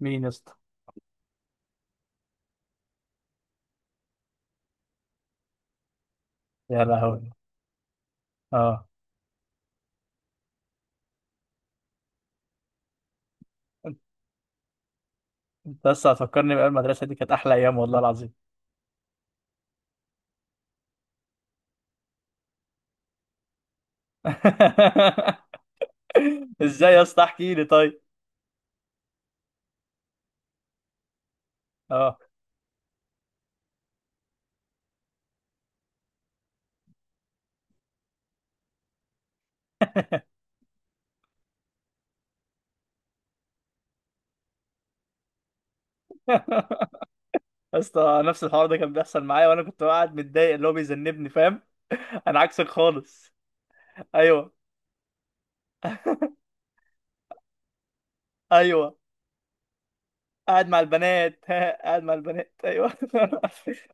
مين يا اسطى؟ يا لهوي. اه. انت أنت لسه هتفكرني بقى، المدرسه دي كانت احلى ايام والله العظيم. ازاي يا اسطى؟ احكي لي طيب. اه. يا اسطى، نفس الحوار ده كان بيحصل معايا وانا كنت قاعد متضايق، اللي هو بيذنبني، فاهم. انا عكسك خالص. ايوه. ايوه، قاعد مع البنات ها، قاعد مع البنات، ايوه.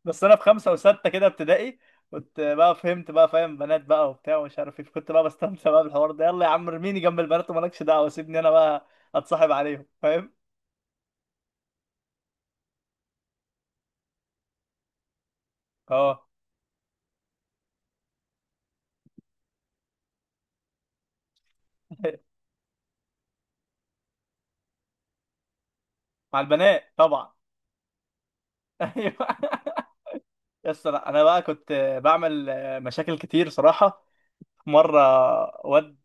بس انا في خمسه وسته كده ابتدائي كنت بقى فهمت بقى، فاهم، بنات بقى وبتاع ومش عارف ايه، كنت بقى بستمتع بقى بالحوار ده، يلا يا عم ارميني جنب البنات ومالكش دعوه، سيبني انا بقى اتصاحب عليهم، فاهم. اه. مع البنات طبعا. ايوه، يس. لا انا بقى كنت بعمل مشاكل كتير صراحه. مره واد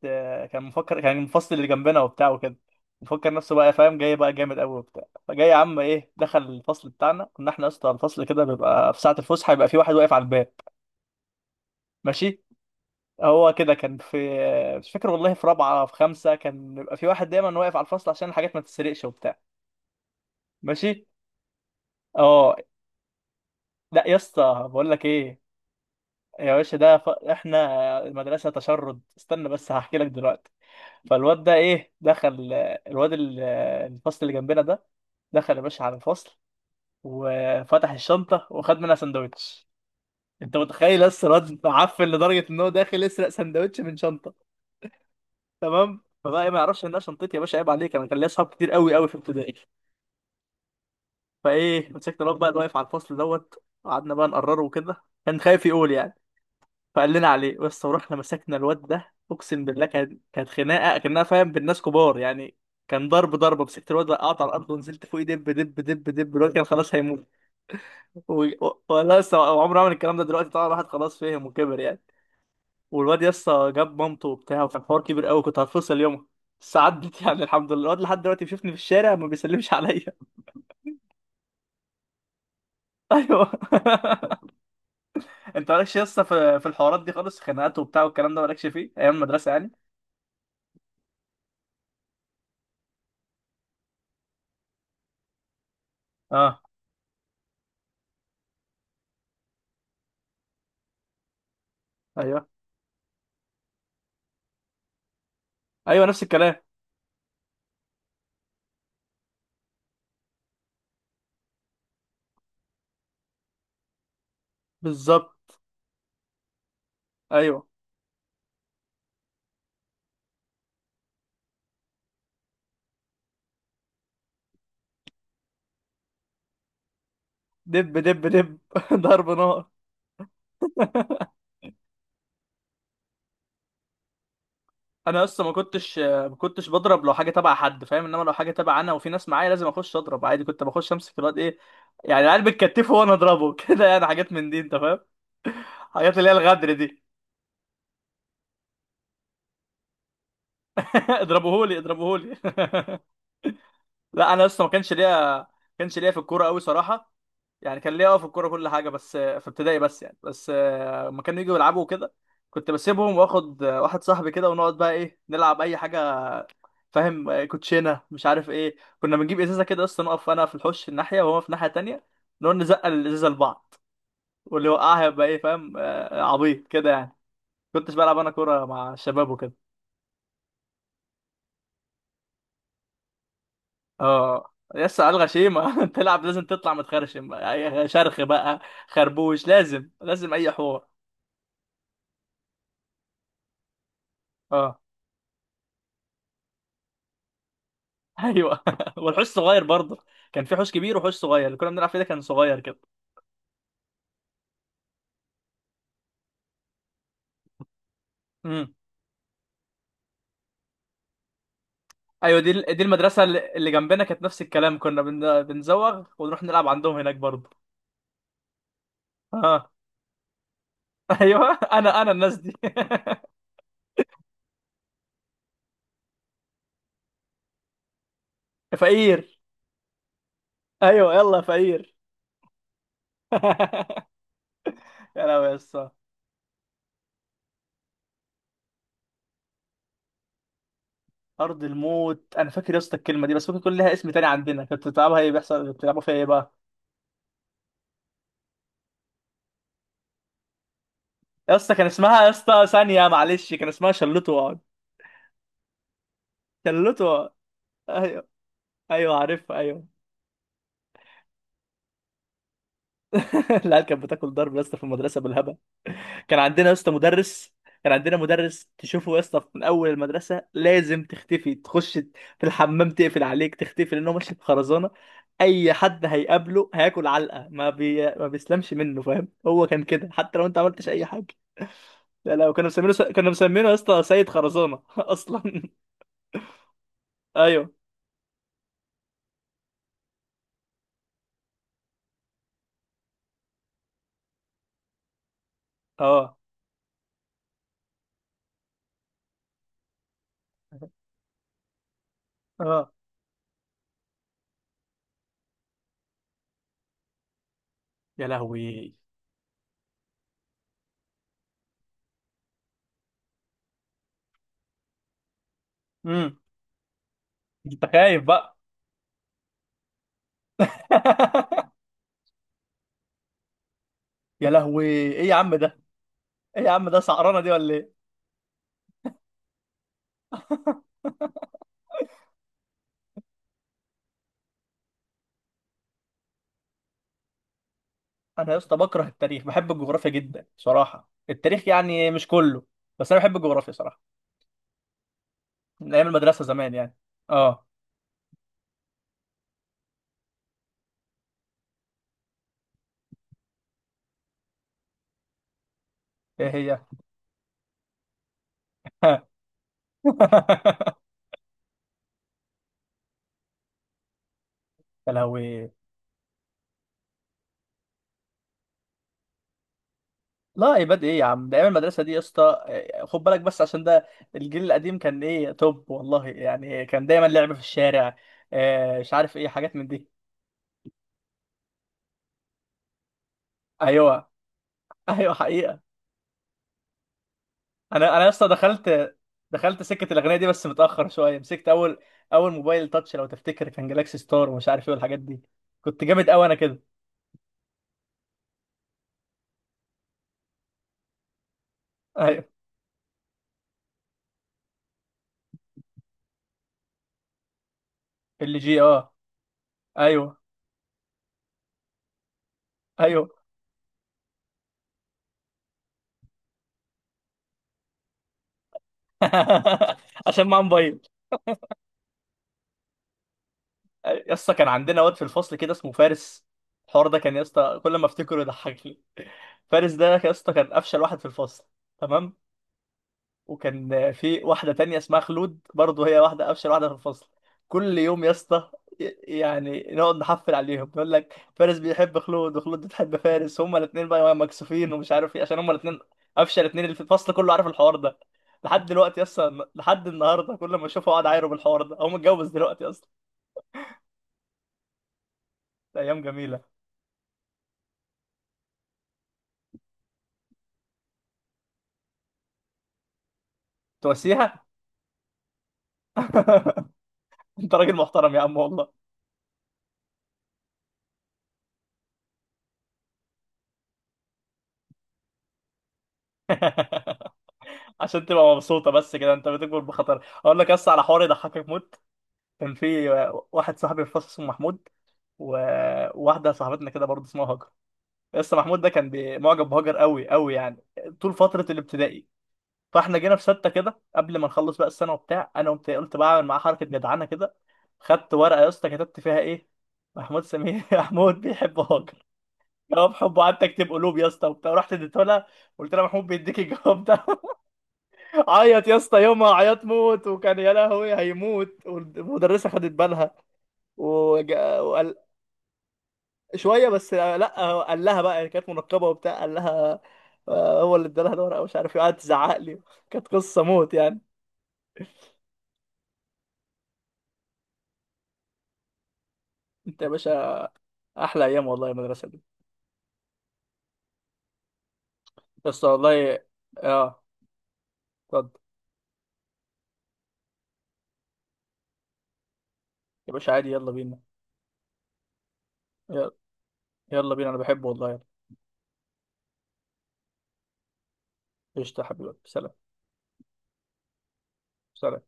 كان مفكر، كان المفصل اللي جنبنا وبتاع وكده، مفكر نفسه بقى، فاهم، جاي بقى جامد قوي وبتاع. فجاي يا عم، ايه، دخل الفصل بتاعنا. كنا احنا اصلا الفصل كده بيبقى في ساعه الفسحه يبقى في واحد واقف على الباب ماشي. هو كده كان في، مش فاكر والله، في رابعه في خمسه، كان بيبقى في واحد دايما واقف على الفصل عشان الحاجات ما تتسرقش وبتاع. ماشي. اه. لا يا اسطى، بقول لك ايه، يا باشا ده احنا مدرسه تشرد، استنى بس هحكي لك دلوقتي. فالواد ده، ايه، دخل الواد ال- الفصل اللي جنبنا ده، دخل يا باشا على الفصل وفتح الشنطه وخد منها سندوتش. انت متخيل لسه الواد معفن لدرجه ان هو داخل يسرق سندوتش من شنطه؟ تمام، فبقى إيه، ما يعرفش انها شنطتي يا باشا، عيب عليك، انا كان ليا اصحاب كتير قوي قوي في ابتدائي. فايه، مسكت الواد بقى اللي واقف على الفصل دوت، وقعدنا بقى نقرره وكده، كان خايف يقول يعني. فقال لنا عليه، بس ورحنا مسكنا الواد ده، اقسم بالله كانت خناقه كانها، فاهم، بالناس كبار يعني. كان ضرب ضربه، مسكت الواد وقعت على الارض ونزلت فوقيه، دب دب دب دب، الواد كان خلاص هيموت. والله لسه عمره عمل الكلام ده، دلوقتي طبعا الواحد خلاص فهم وكبر يعني. والواد لسه جاب مامته وبتاع وكان حوار كبير قوي، كنت هتفصل يومها، بس عدت. يعني الحمد لله الواد لحد دلوقتي بيشوفني في الشارع ما بيسلمش عليا. ايوه. انت مالكش لسه في الحوارات دي خالص، خناقات وبتاع والكلام ده مالكش فيه ايام المدرسه يعني. اه. ايوه. ايوه، نفس الكلام. بالظبط. ايوه. دب دب دب. ضرب نار. انا اصلا ما كنتش بضرب لو حاجه تبع حد، فاهم، انما لو حاجه تبع انا وفي ناس معايا لازم اخش اضرب عادي. كنت بخش امسك الواد ايه، يعني العيال بتكتفه وانا اضربه كده يعني حاجات من دي انت فاهم، حاجات اللي هي الغدر دي. اضربوهولي، اضربوهولي. لا انا اصلا ما كانش ليا في الكوره قوي صراحه. يعني كان ليا اه في الكوره كل حاجه بس في ابتدائي بس يعني، بس لما كانوا يجوا يلعبوا كده كنت بسيبهم، واخد واحد صاحبي كده ونقعد بقى ايه نلعب اي حاجه، فاهم، كوتشينه مش عارف ايه. كنا بنجيب ازازه كده اصلا، نقف انا في الحوش الناحيه وهو في الناحيه التانيه، نقعد نزقل الازازه لبعض، واللي وقعها يبقى ايه، فاهم، عبيط كده يعني. كنتش بلعب انا كوره مع الشباب وكده. اه، يس على الغشيمه. تلعب لازم تطلع متخرشم، أي شرخ بقى، خربوش، لازم اي حوار. اه. ايوه. والحوش صغير برضه. كان في حوش كبير وحوش صغير، اللي كنا بنلعب فيه ده كان صغير. كده. ايوه، دي المدرسه اللي جنبنا كانت نفس الكلام، كنا بنزوغ ونروح نلعب عندهم هناك برضه. اه. ايوه، انا الناس دي. فقير. ايوه، يلا فقير. يا لهوي يا اسطى. ارض الموت، انا فاكر يا اسطى الكلمه دي، بس ممكن يكون لها اسم تاني عندنا. كنت بتلعبها ايه، بيحصل بتلعبوا فيها ايه بقى؟ يا اسطى كان اسمها، يا اسطى ثانيه معلش، كان اسمها شلوته واقعد. شلوته وأقعد. ايوه. ايوه، عارفها، ايوه. العيال كانت بتاكل ضرب يا اسطى في المدرسه بالهبل. كان عندنا يا اسطى مدرس، كان عندنا مدرس تشوفه يا اسطى من اول المدرسه لازم تختفي، تخش في الحمام تقفل عليك تختفي، لانه ماشي بخرزانه. اي حد هيقابله هياكل علقه، ما بيسلمش منه، فاهم. هو كان كده حتى لو انت عملتش اي حاجه. لا لا، كانوا مسمينه يا اسطى سيد خرزانه اصلا. ايوه. اه. اه. يا لهوي. امم انت خايف بقى. يا لهوي، ايه يا عم ده؟ ايه يا عم ده، سعرانه دي ولا ايه؟ انا يا اسطى بكره التاريخ، بحب الجغرافيا جدا صراحه. التاريخ يعني مش كله، بس انا بحب الجغرافيا صراحه، من ايام المدرسه زمان يعني. اه. ايه هي؟ يا لهوي. لا، عباد ايه يا عم ده، ايام المدرسه دي يا اسطى، إيه، خد بالك بس عشان ده الجيل القديم، كان ايه، توب والله يعني، كان دايما لعب في الشارع، مش عارف ايه حاجات من دي. ايوه. ايوه، حقيقه. انا اصلا دخلت سكه الاغنيه دي بس متاخر شويه. مسكت اول، اول موبايل تاتش لو تفتكر كان جالاكسي ستار ومش عارف ايه والحاجات دي، كنت جامد قوي انا كده. ايوه. ال جي، اه. ايوه. ايوه. عشان معاه موبايل. يا اسطى كان عندنا واد في الفصل كده اسمه فارس. الحوار ده كان يا اسطى كل ما افتكره يضحكني. فارس ده يا اسطى كان افشل واحد في الفصل، تمام، وكان في واحدة تانية اسمها خلود برضه، هي واحدة أفشل واحدة في الفصل. كل يوم يا اسطى ي- يعني نقعد نحفل عليهم، يقول لك فارس بيحب خلود وخلود بتحب فارس، هما الاتنين بقى مكسوفين ومش عارف ايه عشان هما الاتنين أفشل اتنين اللي في الفصل كله، عارف الحوار ده. لحد دلوقتي اصلا، لحد النهارده كل ما اشوفه اقعد اعايره بالحوار ده، هو متجوز دلوقتي اصلا. ده ايام جميله. تواسيها. انت راجل محترم يا عم والله. عشان تبقى مبسوطه بس كده، انت بتكبر بخطر. اقول لك بس على حوار يضحكك موت. كان في واحد صاحبي في الفصل اسمه محمود، وواحدة صاحبتنا كده برضه اسمها هاجر. لسه محمود ده كان معجب بهاجر قوي قوي يعني، طول فترة الابتدائي. فاحنا جينا في ستة كده قبل ما نخلص بقى السنة وبتاع، انا قمت قلت بعمل معاه حركة جدعانة كده، خدت ورقة يا اسطى كتبت فيها ايه، محمود سمير محمود بيحب هاجر. جواب حبه، قعدت اكتب قلوب يا اسطى وبتاع، رحت اديته لها، قلت لها محمود بيديك الجواب ده. عيط يا اسطى يومها، عيط موت، وكان يا لهوي هيموت، والمدرسة خدت بالها وقال شويه بس. لا هو قال لها بقى يعني، كانت منقبه وبتاع، قال لها هو اللي ادالها الورقه مش عارف ايه، قعدت تزعق لي. كانت قصه موت يعني. انت يا باشا. احلى ايام والله المدرسه دي. بس والله. اه. اتفضل. يا باشا عادي، يلا بينا. يلا. يلا بينا، انا بحبه والله، يلا. قشطه يا حبيبي، سلام. سلام.